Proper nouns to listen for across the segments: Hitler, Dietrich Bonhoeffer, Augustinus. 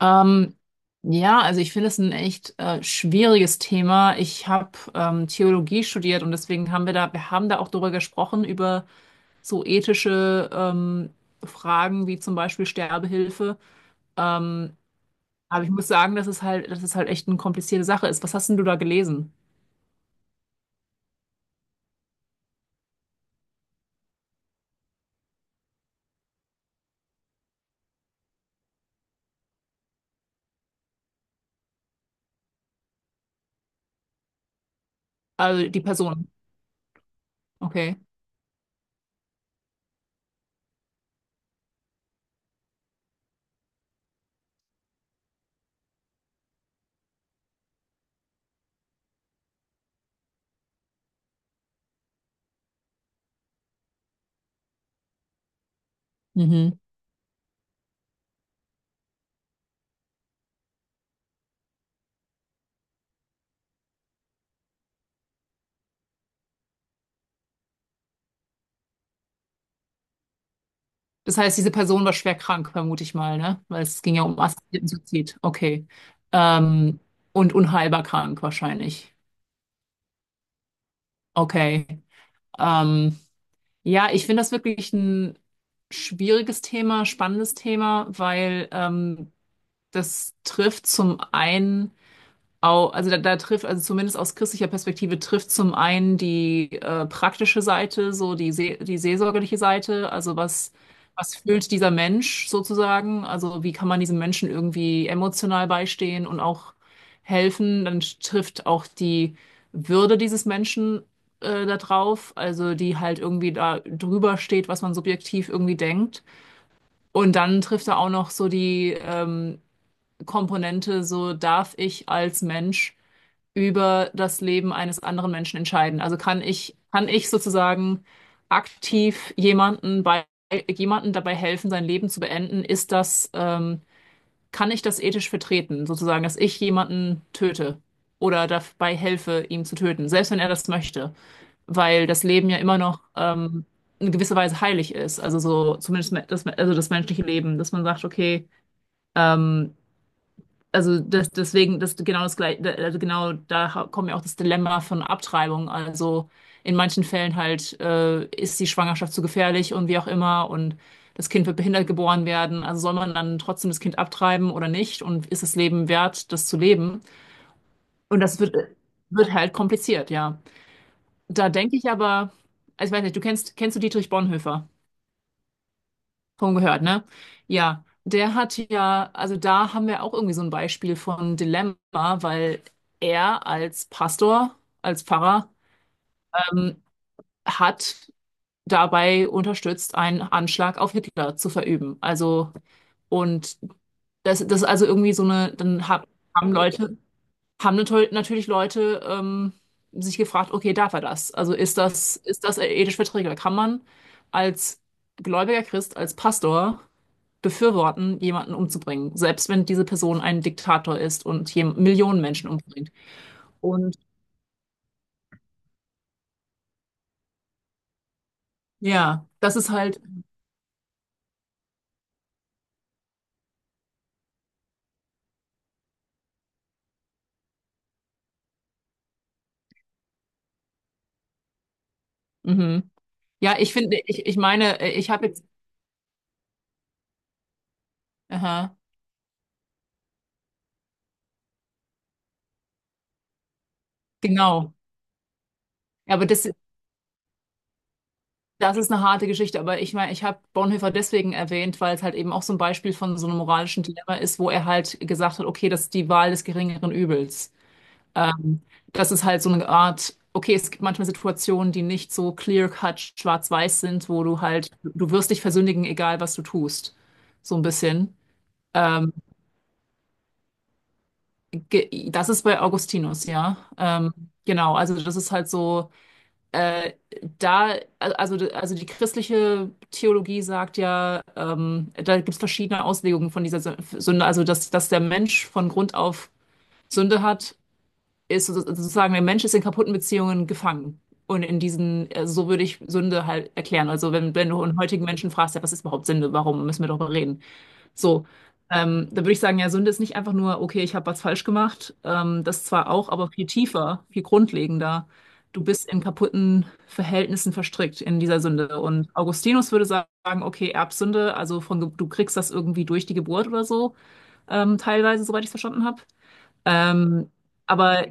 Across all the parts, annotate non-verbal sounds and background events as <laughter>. Ähm, ja, also ich finde es ein echt schwieriges Thema. Ich habe Theologie studiert und deswegen haben wir da, wir haben da auch drüber gesprochen, über so ethische Fragen wie zum Beispiel Sterbehilfe. Ähm, aber ich muss sagen, dass es halt echt eine komplizierte Sache ist. Was hast denn du da gelesen? Also die Person. Okay. Mhm. Das heißt, diese Person war schwer krank, vermute ich mal, ne? Weil es ging ja um assistierten Suizid. Okay. Ähm, und unheilbar krank wahrscheinlich. Okay. Ähm, ja, ich finde das wirklich ein schwieriges Thema, spannendes Thema, weil das trifft zum einen also da trifft, also zumindest aus christlicher Perspektive trifft zum einen die praktische Seite, so die seelsorgerliche Seite, was fühlt dieser Mensch sozusagen, also wie kann man diesem Menschen irgendwie emotional beistehen und auch helfen, dann trifft auch die Würde dieses Menschen da drauf, also die halt irgendwie da drüber steht, was man subjektiv irgendwie denkt. Und dann trifft da auch noch so die Komponente, so darf ich als Mensch über das Leben eines anderen Menschen entscheiden. Also kann ich sozusagen aktiv jemanden bei, jemanden dabei helfen, sein Leben zu beenden? Kann ich das ethisch vertreten, sozusagen, dass ich jemanden töte oder dabei helfe, ihn zu töten, selbst wenn er das möchte, weil das Leben ja immer noch, in gewisser Weise heilig ist, also so zumindest das, also das menschliche Leben, dass man sagt, okay, ähm, also das genau das gleiche, also genau da kommt ja auch das Dilemma von Abtreibung. Also in manchen Fällen halt ist die Schwangerschaft zu gefährlich und wie auch immer und das Kind wird behindert geboren werden. Also soll man dann trotzdem das Kind abtreiben oder nicht? Und ist das Leben wert, das zu leben? Und das wird halt kompliziert, ja. Da denke ich aber, also ich weiß nicht, kennst du Dietrich Bonhoeffer? Schon gehört, ne? Ja, der hat ja, also da haben wir auch irgendwie so ein Beispiel von Dilemma, weil er als Pastor, als Pfarrer, ähm, hat dabei unterstützt, einen Anschlag auf Hitler zu verüben. Also, und das ist also irgendwie so eine, haben Leute, haben natürlich Leute sich gefragt, okay, darf er das? Also ist das ethisch verträglich? Kann man als gläubiger Christ, als Pastor befürworten, jemanden umzubringen, selbst wenn diese Person ein Diktator ist und hier Millionen Menschen umbringt. Und ja, das ist halt, mhm. Ja, ich finde, ich meine, ich habe jetzt, aha, genau. Ja, aber das, das ist eine harte Geschichte. Aber ich meine, ich habe Bonhoeffer deswegen erwähnt, weil es halt eben auch so ein Beispiel von so einem moralischen Dilemma ist, wo er halt gesagt hat, okay, das ist die Wahl des geringeren Übels. Ähm, Das ist halt so eine Art, okay, es gibt manchmal Situationen, die nicht so clear-cut schwarz-weiß sind, wo du halt, du wirst dich versündigen, egal was du tust. So ein bisschen. Ähm, Das ist bei Augustinus, ja. Genau, also das ist halt so, äh, da, also die christliche Theologie sagt ja, da gibt es verschiedene Auslegungen von dieser Sünde, also dass der Mensch von Grund auf Sünde hat ist sozusagen, der Mensch ist in kaputten Beziehungen gefangen. Und in diesen, so würde ich Sünde halt erklären. Also wenn du einen heutigen Menschen fragst, ja, was ist überhaupt Sünde? Warum müssen wir darüber reden? So, da würde ich sagen, ja, Sünde ist nicht einfach nur, okay, ich habe was falsch gemacht. Das zwar auch, aber viel tiefer, viel grundlegender. Du bist in kaputten Verhältnissen verstrickt in dieser Sünde. Und Augustinus würde sagen, okay, Erbsünde, also du kriegst das irgendwie durch die Geburt oder so, teilweise, soweit ich es verstanden habe. Ähm, aber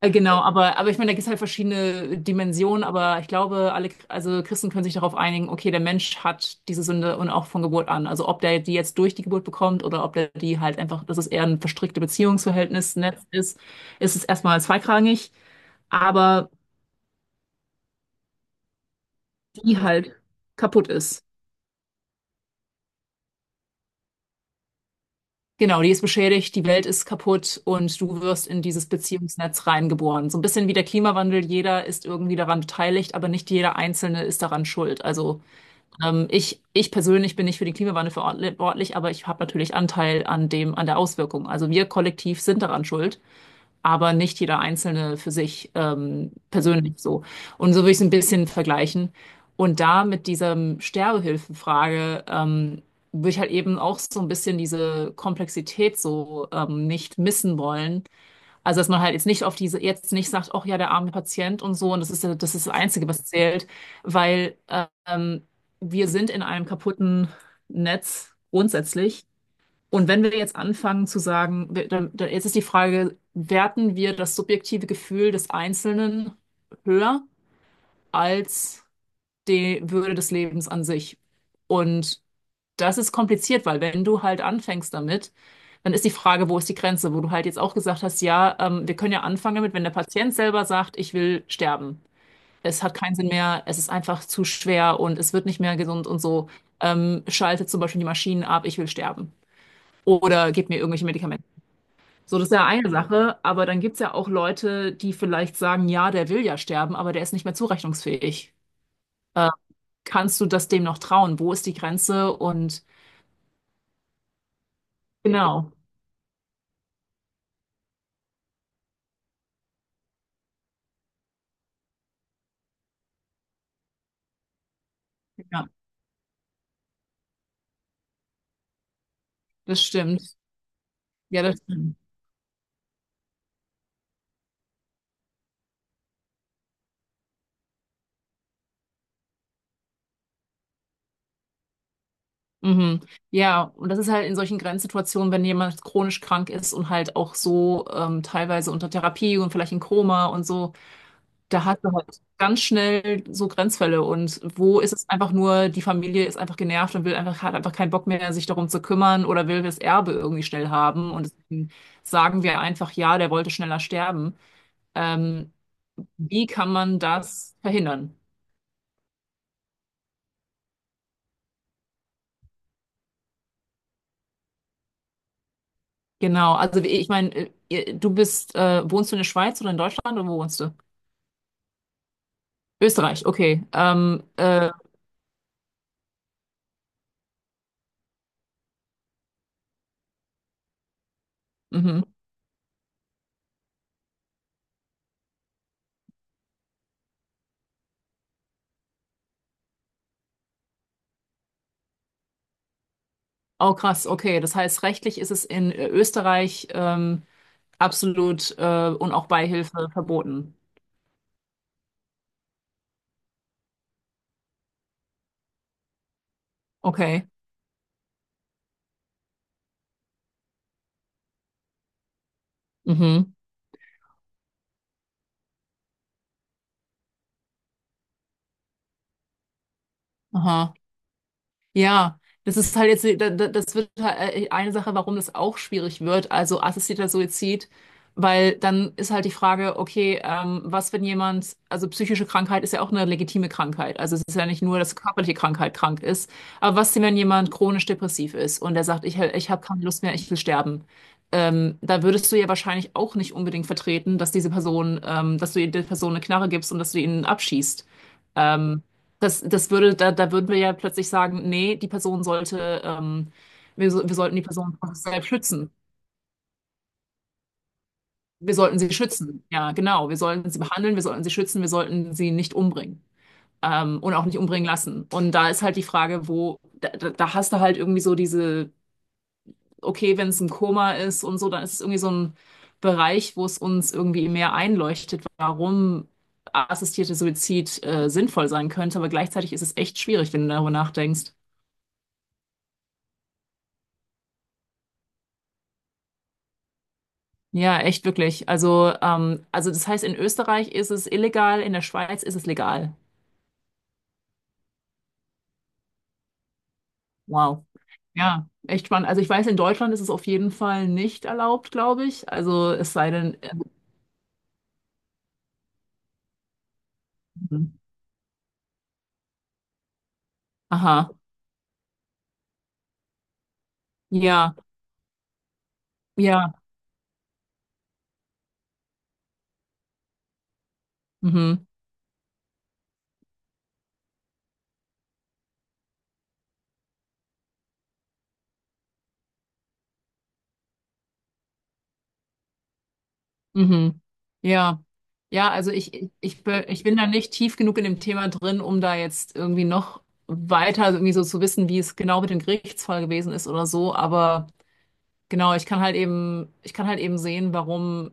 Genau, aber ich meine, da gibt es halt verschiedene Dimensionen, aber ich glaube, alle, also Christen können sich darauf einigen, okay, der Mensch hat diese Sünde und auch von Geburt an. Also ob der die jetzt durch die Geburt bekommt oder ob der die halt einfach, dass es eher ein verstrickte Beziehungsverhältnis, Netz ist, ist es erstmal zweitrangig, aber die halt kaputt ist. Genau, die ist beschädigt, die Welt ist kaputt und du wirst in dieses Beziehungsnetz reingeboren. So ein bisschen wie der Klimawandel, jeder ist irgendwie daran beteiligt, aber nicht jeder Einzelne ist daran schuld. Also ich persönlich bin nicht für den Klimawandel verantwortlich, aber ich habe natürlich Anteil an dem, an der Auswirkung. Also wir kollektiv sind daran schuld, aber nicht jeder Einzelne für sich persönlich so. Und so würde ich es ein bisschen vergleichen. Und da mit dieser Sterbehilfenfrage würde ich halt eben auch so ein bisschen diese Komplexität so nicht missen wollen also, dass man halt jetzt nicht auf diese, jetzt nicht sagt, ach ja, der arme Patient und so, und das ist, das ist das Einzige, was zählt, weil ähm, wir sind in einem kaputten Netz grundsätzlich. Und wenn wir jetzt anfangen zu sagen, jetzt ist die Frage, werten wir das subjektive Gefühl des Einzelnen höher als die Würde des Lebens an sich? Und das ist kompliziert, weil wenn du halt anfängst damit, dann ist die Frage, wo ist die Grenze, wo du halt jetzt auch gesagt hast, ja, wir können ja anfangen damit, wenn der Patient selber sagt, ich will sterben. Es hat keinen Sinn mehr, es ist einfach zu schwer und es wird nicht mehr gesund und so. Schaltet zum Beispiel die Maschinen ab, ich will sterben. Oder gebt mir irgendwelche Medikamente. So, das ist ja eine Sache, aber dann gibt's ja auch Leute, die vielleicht sagen, ja, der will ja sterben, aber der ist nicht mehr zurechnungsfähig. Äh, Kannst du das dem noch trauen? Wo ist die Grenze? Und genau. Ja. Das stimmt. Ja, das stimmt. Mhm. Ja, und das ist halt in solchen Grenzsituationen, wenn jemand chronisch krank ist und halt auch so teilweise unter Therapie und vielleicht in Koma und so, da hat man halt ganz schnell so Grenzfälle. Und wo ist es einfach nur, die Familie ist einfach genervt und will einfach, hat einfach keinen Bock mehr, sich darum zu kümmern oder will das Erbe irgendwie schnell haben. Und deswegen sagen wir einfach, ja, der wollte schneller sterben. Ähm, Wie kann man das verhindern? Genau, also wie- ich meine, du bist, wohnst du in der Schweiz oder in Deutschland oder wo wohnst du? Österreich, okay. Mhm. Oh krass, okay. Das heißt, rechtlich ist es in Österreich absolut und auch Beihilfe verboten. Okay. Mhm. Aha. Ja, das ist halt jetzt, das wird halt eine Sache, warum das auch schwierig wird, also assistierter Suizid, weil dann ist halt die Frage, okay, was, wenn jemand, also psychische Krankheit ist ja auch eine legitime Krankheit, also es ist ja nicht nur, dass körperliche Krankheit krank ist, aber was, denn, wenn jemand chronisch depressiv ist und der sagt, ich habe keine Lust mehr, ich will sterben, da würdest du ja wahrscheinlich auch nicht unbedingt vertreten, dass diese Person, dass du der Person eine Knarre gibst und dass du ihn abschießt. Ähm, da würden wir ja plötzlich sagen, nee, die Person sollte, wir sollten die Person selbst schützen. Wir sollten sie schützen. Ja, genau. Wir sollten sie behandeln, wir sollten sie schützen, wir sollten sie nicht umbringen. Und auch nicht umbringen lassen. Und da ist halt die Frage, wo, da, da da hast du halt irgendwie so diese, okay, wenn es ein Koma ist und so, dann ist es irgendwie so ein Bereich, wo es uns irgendwie mehr einleuchtet, warum assistierter Suizid, sinnvoll sein könnte. Aber gleichzeitig ist es echt schwierig, wenn du darüber nachdenkst. Ja, echt wirklich. Also das heißt, in Österreich ist es illegal, in der Schweiz ist es legal. Wow. Ja, echt spannend. Also ich weiß, in Deutschland ist es auf jeden Fall nicht erlaubt, glaube ich. Also es sei denn, aha, ja, ja, mhm, mhm, ja. Ja, also ich bin da nicht tief genug in dem Thema drin, um da jetzt irgendwie noch weiter so irgendwie so zu wissen, wie es genau mit dem Gerichtsfall gewesen ist oder so, aber. Genau, ich kann halt eben sehen, warum,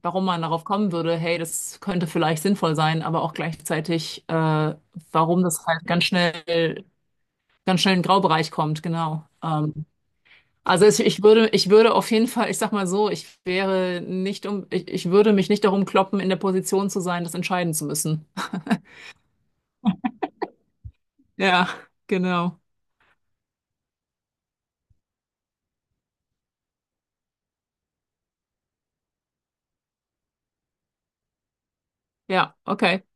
warum man darauf kommen würde, hey, das könnte vielleicht sinnvoll sein, aber auch gleichzeitig, warum das halt ganz schnell in den Graubereich kommt, genau. Also es, ich würde auf jeden Fall, ich sag mal so, ich wäre nicht um, ich würde mich nicht darum kloppen, in der Position zu sein, das entscheiden zu müssen. <laughs> Ja, genau. Ja, okay.